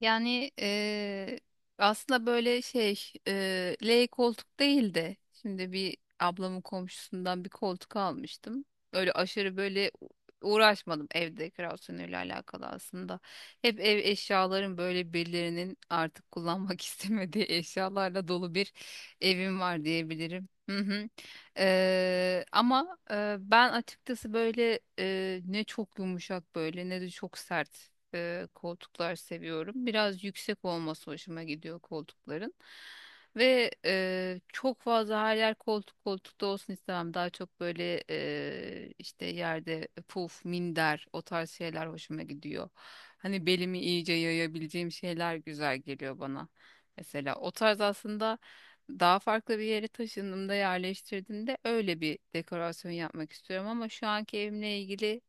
Yani aslında böyle şey L koltuk değil de şimdi bir ablamın komşusundan bir koltuk almıştım. Öyle aşırı böyle uğraşmadım ev dekorasyonuyla alakalı aslında. Hep ev eşyaların böyle birilerinin artık kullanmak istemediği eşyalarla dolu bir evim var diyebilirim. Hı hı. Ama ben açıkçası böyle ne çok yumuşak böyle ne de çok sert koltuklar seviyorum. Biraz yüksek olması hoşuma gidiyor koltukların. Ve çok fazla her yer koltukta olsun istemem. Daha çok böyle işte yerde puf, minder o tarz şeyler hoşuma gidiyor. Hani belimi iyice yayabileceğim şeyler güzel geliyor bana. Mesela o tarz aslında daha farklı bir yere taşındığımda yerleştirdiğimde öyle bir dekorasyon yapmak istiyorum ama şu anki evimle ilgili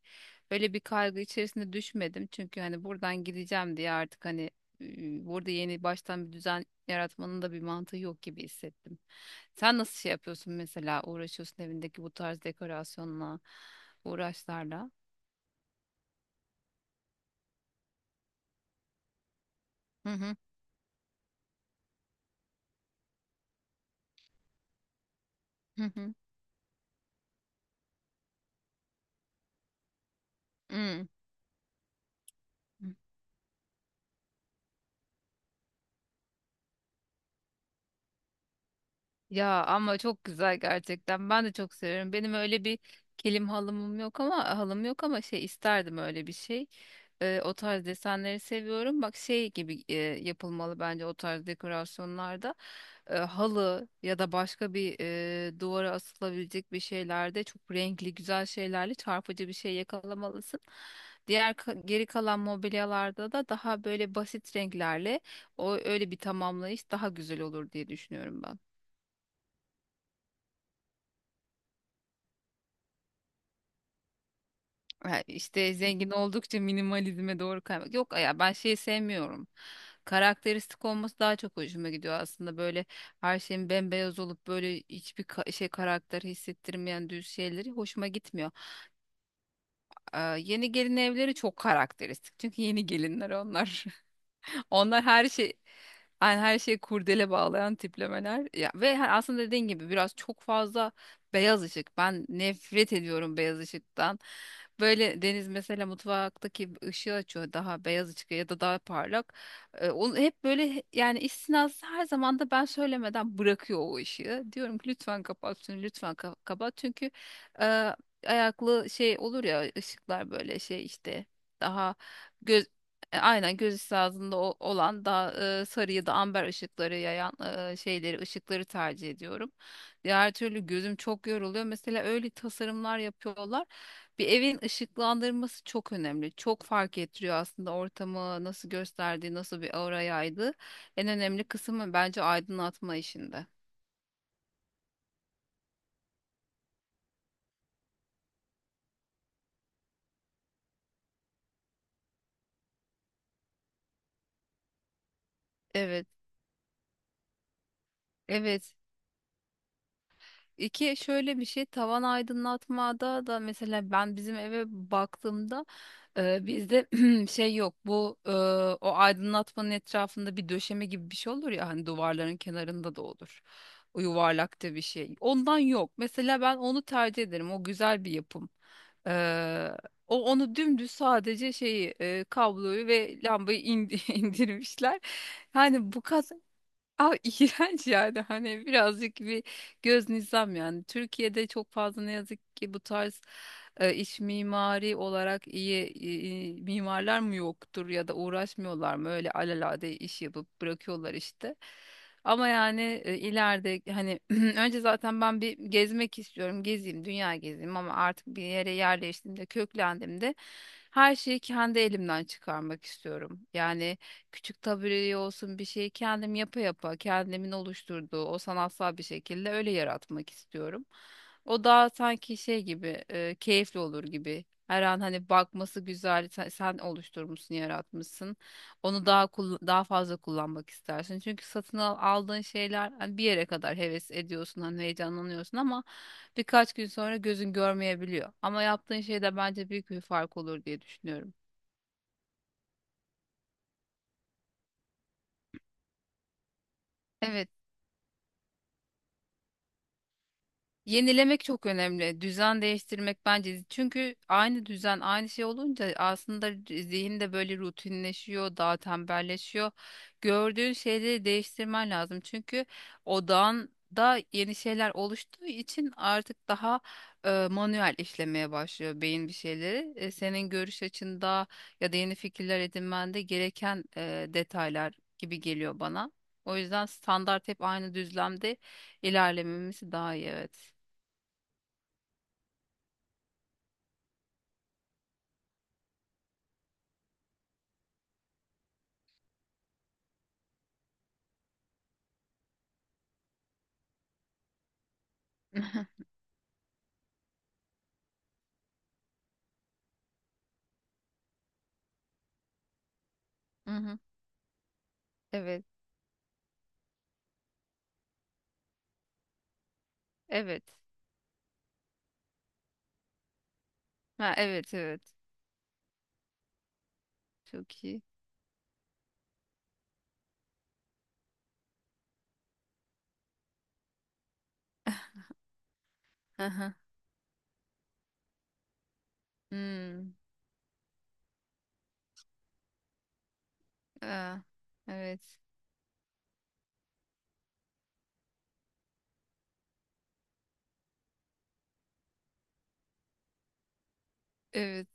öyle bir kaygı içerisinde düşmedim. Çünkü hani buradan gideceğim diye artık hani burada yeni baştan bir düzen yaratmanın da bir mantığı yok gibi hissettim. Sen nasıl şey yapıyorsun mesela uğraşıyorsun evindeki bu tarz dekorasyonla, uğraşlarla? Hı hı, hı hı. Hı. Ya ama çok güzel gerçekten. Ben de çok seviyorum. Benim öyle bir kilim halımım yok ama halım yok ama şey isterdim öyle bir şey. O tarz desenleri seviyorum. Bak şey gibi yapılmalı bence o tarz dekorasyonlarda. Halı ya da başka bir duvara asılabilecek bir şeylerde çok renkli güzel şeylerle çarpıcı bir şey yakalamalısın. Diğer geri kalan mobilyalarda da daha böyle basit renklerle o öyle bir tamamlayış daha güzel olur diye düşünüyorum ben. Ha, işte zengin oldukça minimalizme doğru kaymak. Yok ya ben şeyi sevmiyorum. Karakteristik olması daha çok hoşuma gidiyor aslında böyle her şeyin bembeyaz olup böyle hiçbir şey karakter hissettirmeyen düz şeyleri hoşuma gitmiyor. Aa, yeni gelin evleri çok karakteristik çünkü yeni gelinler onlar. Onlar her şey yani her şeyi kurdele bağlayan tiplemeler. Ya ve aslında dediğin gibi biraz çok fazla beyaz ışık. Ben nefret ediyorum beyaz ışıktan. Böyle Deniz mesela mutfaktaki ışığı açıyor daha beyaz ışık ya da daha parlak. Onu hep böyle yani istisnası her zaman da ben söylemeden bırakıyor o ışığı. Diyorum ki lütfen kapat şunu, lütfen kapat. Çünkü e, ayaklı şey olur ya ışıklar böyle şey işte daha aynen göz üstü ağzında olan daha sarı ya da amber ışıkları yayan şeyleri, ışıkları tercih ediyorum. Diğer türlü gözüm çok yoruluyor. Mesela öyle tasarımlar yapıyorlar. Bir evin ışıklandırması çok önemli. Çok fark ettiriyor aslında ortamı nasıl gösterdiği, nasıl bir aura yaydığı. En önemli kısmı bence aydınlatma işinde. Evet, evet. İki şöyle bir şey tavan aydınlatmada da mesela ben bizim eve baktığımda bizde şey yok bu o aydınlatmanın etrafında bir döşeme gibi bir şey olur ya hani duvarların kenarında da olur. O yuvarlakta bir şey. Ondan yok. Mesela ben onu tercih ederim. O güzel bir yapım. E, O onu dümdüz sadece şeyi kabloyu ve lambayı indirmişler. Yani bu kat. Aa, iğrenç yani hani birazcık bir göz nizam yani. Türkiye'de çok fazla ne yazık ki bu tarz iç mimari olarak iyi mimarlar mı yoktur ya da uğraşmıyorlar mı öyle alelade iş yapıp bırakıyorlar işte. Ama yani ileride hani önce zaten ben bir gezmek istiyorum gezeyim dünya gezeyim ama artık bir yere yerleştiğimde köklendiğimde her şeyi kendi elimden çıkarmak istiyorum. Yani küçük tabireli olsun bir şeyi kendim yapa yapa kendimin oluşturduğu o sanatsal bir şekilde öyle yaratmak istiyorum. O daha sanki şey gibi keyifli olur gibi. Her an hani bakması güzel sen oluşturmuşsun yaratmışsın. Onu daha fazla kullanmak istersin. Çünkü aldığın şeyler hani bir yere kadar heves ediyorsun hani heyecanlanıyorsun ama birkaç gün sonra gözün görmeyebiliyor. Ama yaptığın şeyde bence büyük bir fark olur diye düşünüyorum. Evet. Yenilemek çok önemli. Düzen değiştirmek bence. Çünkü aynı düzen, aynı şey olunca aslında zihin de böyle rutinleşiyor, daha tembelleşiyor. Gördüğün şeyleri değiştirmen lazım. Çünkü odağın da yeni şeyler oluştuğu için artık daha manuel işlemeye başlıyor beyin bir şeyleri. Senin görüş açında ya da yeni fikirler edinmende gereken detaylar gibi geliyor bana. O yüzden standart hep aynı düzlemde ilerlememiz daha iyi, evet. Mhm. Mhm. Evet. Evet. Ha, evet, evet. Çok iyi. Aha. Hmm. Aa, evet. Evet.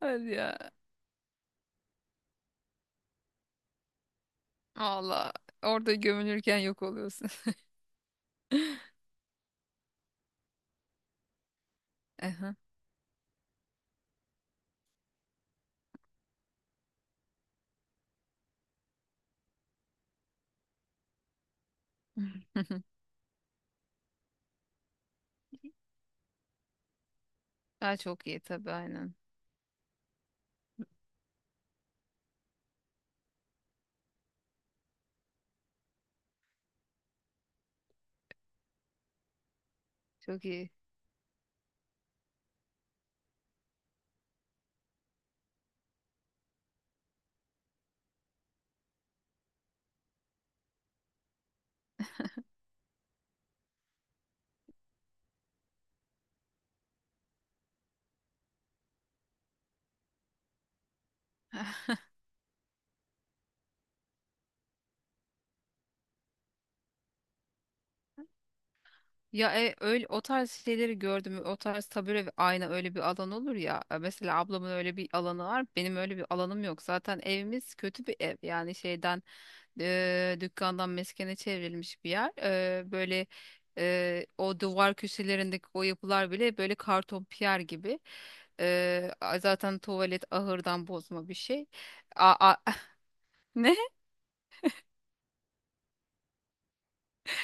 Hadi ya. Valla orada gömülürken yok oluyorsun. Aha. Ha, çok iyi tabii aynen. Çok iyi. Ya öyle o tarz şeyleri gördüm. O tarz tabure ve ayna öyle bir alan olur ya. Mesela ablamın öyle bir alanı var. Benim öyle bir alanım yok. Zaten evimiz kötü bir ev. Yani şeyden dükkandan meskene çevrilmiş bir yer. Böyle o duvar köşelerindeki o yapılar bile böyle karton piyer gibi. Zaten tuvalet ahırdan bozma bir şey. A, ne?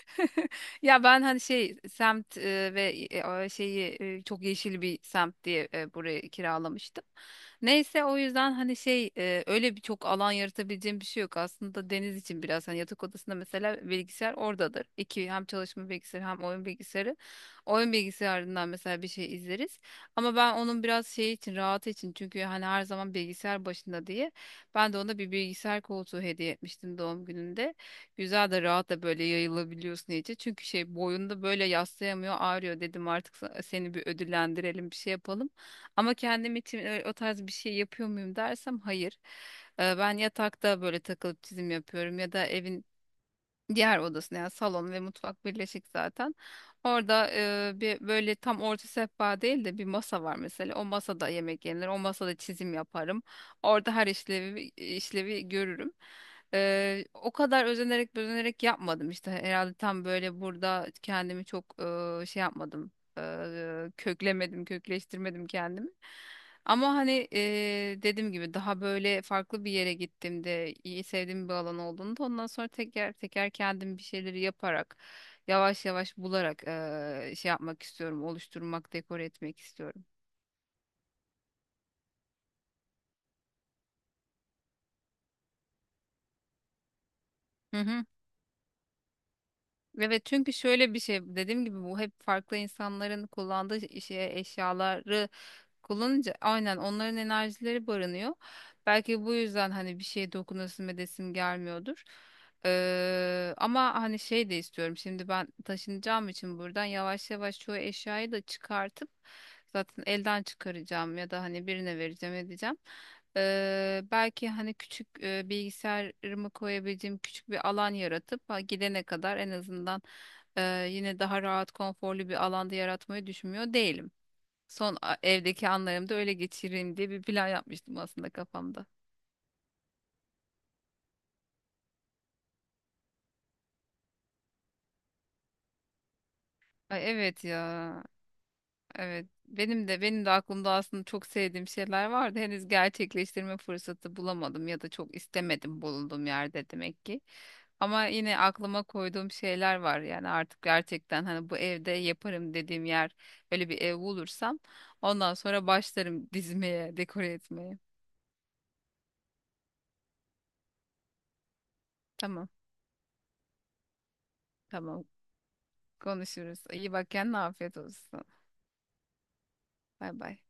Ya ben hani şey semt ve şeyi çok yeşil bir semt diye burayı kiralamıştım. Neyse o yüzden hani şey öyle bir çok alan yaratabileceğim bir şey yok. Aslında Deniz için biraz hani yatak odasında mesela bilgisayar oradadır. İki hem çalışma bilgisayarı hem oyun bilgisayarı. Oyun bilgisayarından mesela bir şey izleriz. Ama ben onun biraz şey için rahat için çünkü hani her zaman bilgisayar başında diye ben de ona bir bilgisayar koltuğu hediye etmiştim doğum gününde. Güzel de rahat da böyle yayılabiliyorsun iyice. Çünkü şey boyunda böyle yaslayamıyor ağrıyor dedim artık seni bir ödüllendirelim bir şey yapalım. Ama kendim için o tarz bir şey yapıyor muyum dersem hayır. Ben yatakta böyle takılıp çizim yapıyorum ya da evin diğer odasında yani salon ve mutfak birleşik zaten. Orada bir böyle tam orta sehpa değil de bir masa var mesela. O masada yemek yenir. O masada çizim yaparım. Orada her işlevi görürüm. O kadar özenerek özenerek yapmadım işte. Herhalde tam böyle burada kendimi çok şey yapmadım. Köklemedim, kökleştirmedim kendimi. Ama hani dediğim gibi daha böyle farklı bir yere gittiğimde iyi sevdiğim bir alan olduğunda ondan sonra teker teker kendim bir şeyleri yaparak yavaş yavaş bularak şey yapmak istiyorum, oluşturmak, dekore etmek istiyorum. Hı hı. Evet, çünkü şöyle bir şey dediğim gibi bu hep farklı insanların kullandığı şey eşyaları kullanınca aynen onların enerjileri barınıyor. Belki bu yüzden hani bir şeye dokunasım edesim gelmiyordur. Ama hani şey de istiyorum. Şimdi ben taşınacağım için buradan yavaş yavaş çoğu eşyayı da çıkartıp zaten elden çıkaracağım ya da hani birine vereceğim edeceğim. Belki hani küçük bilgisayarımı koyabileceğim küçük bir alan yaratıp ha, gidene kadar en azından e, yine daha rahat konforlu bir alanda yaratmayı düşünmüyor değilim. Son evdeki anlarımda öyle geçireyim diye bir plan yapmıştım aslında kafamda. Ay, evet ya. Evet. Benim de aklımda aslında çok sevdiğim şeyler vardı. Henüz gerçekleştirme fırsatı bulamadım ya da çok istemedim bulunduğum yerde demek ki. Ama yine aklıma koyduğum şeyler var. Yani artık gerçekten hani bu evde yaparım dediğim yer öyle bir ev bulursam ondan sonra başlarım dizmeye, dekore etmeye. Tamam, tamam. Konuşuruz. İyi bak kendine, afiyet olsun. Bay bay.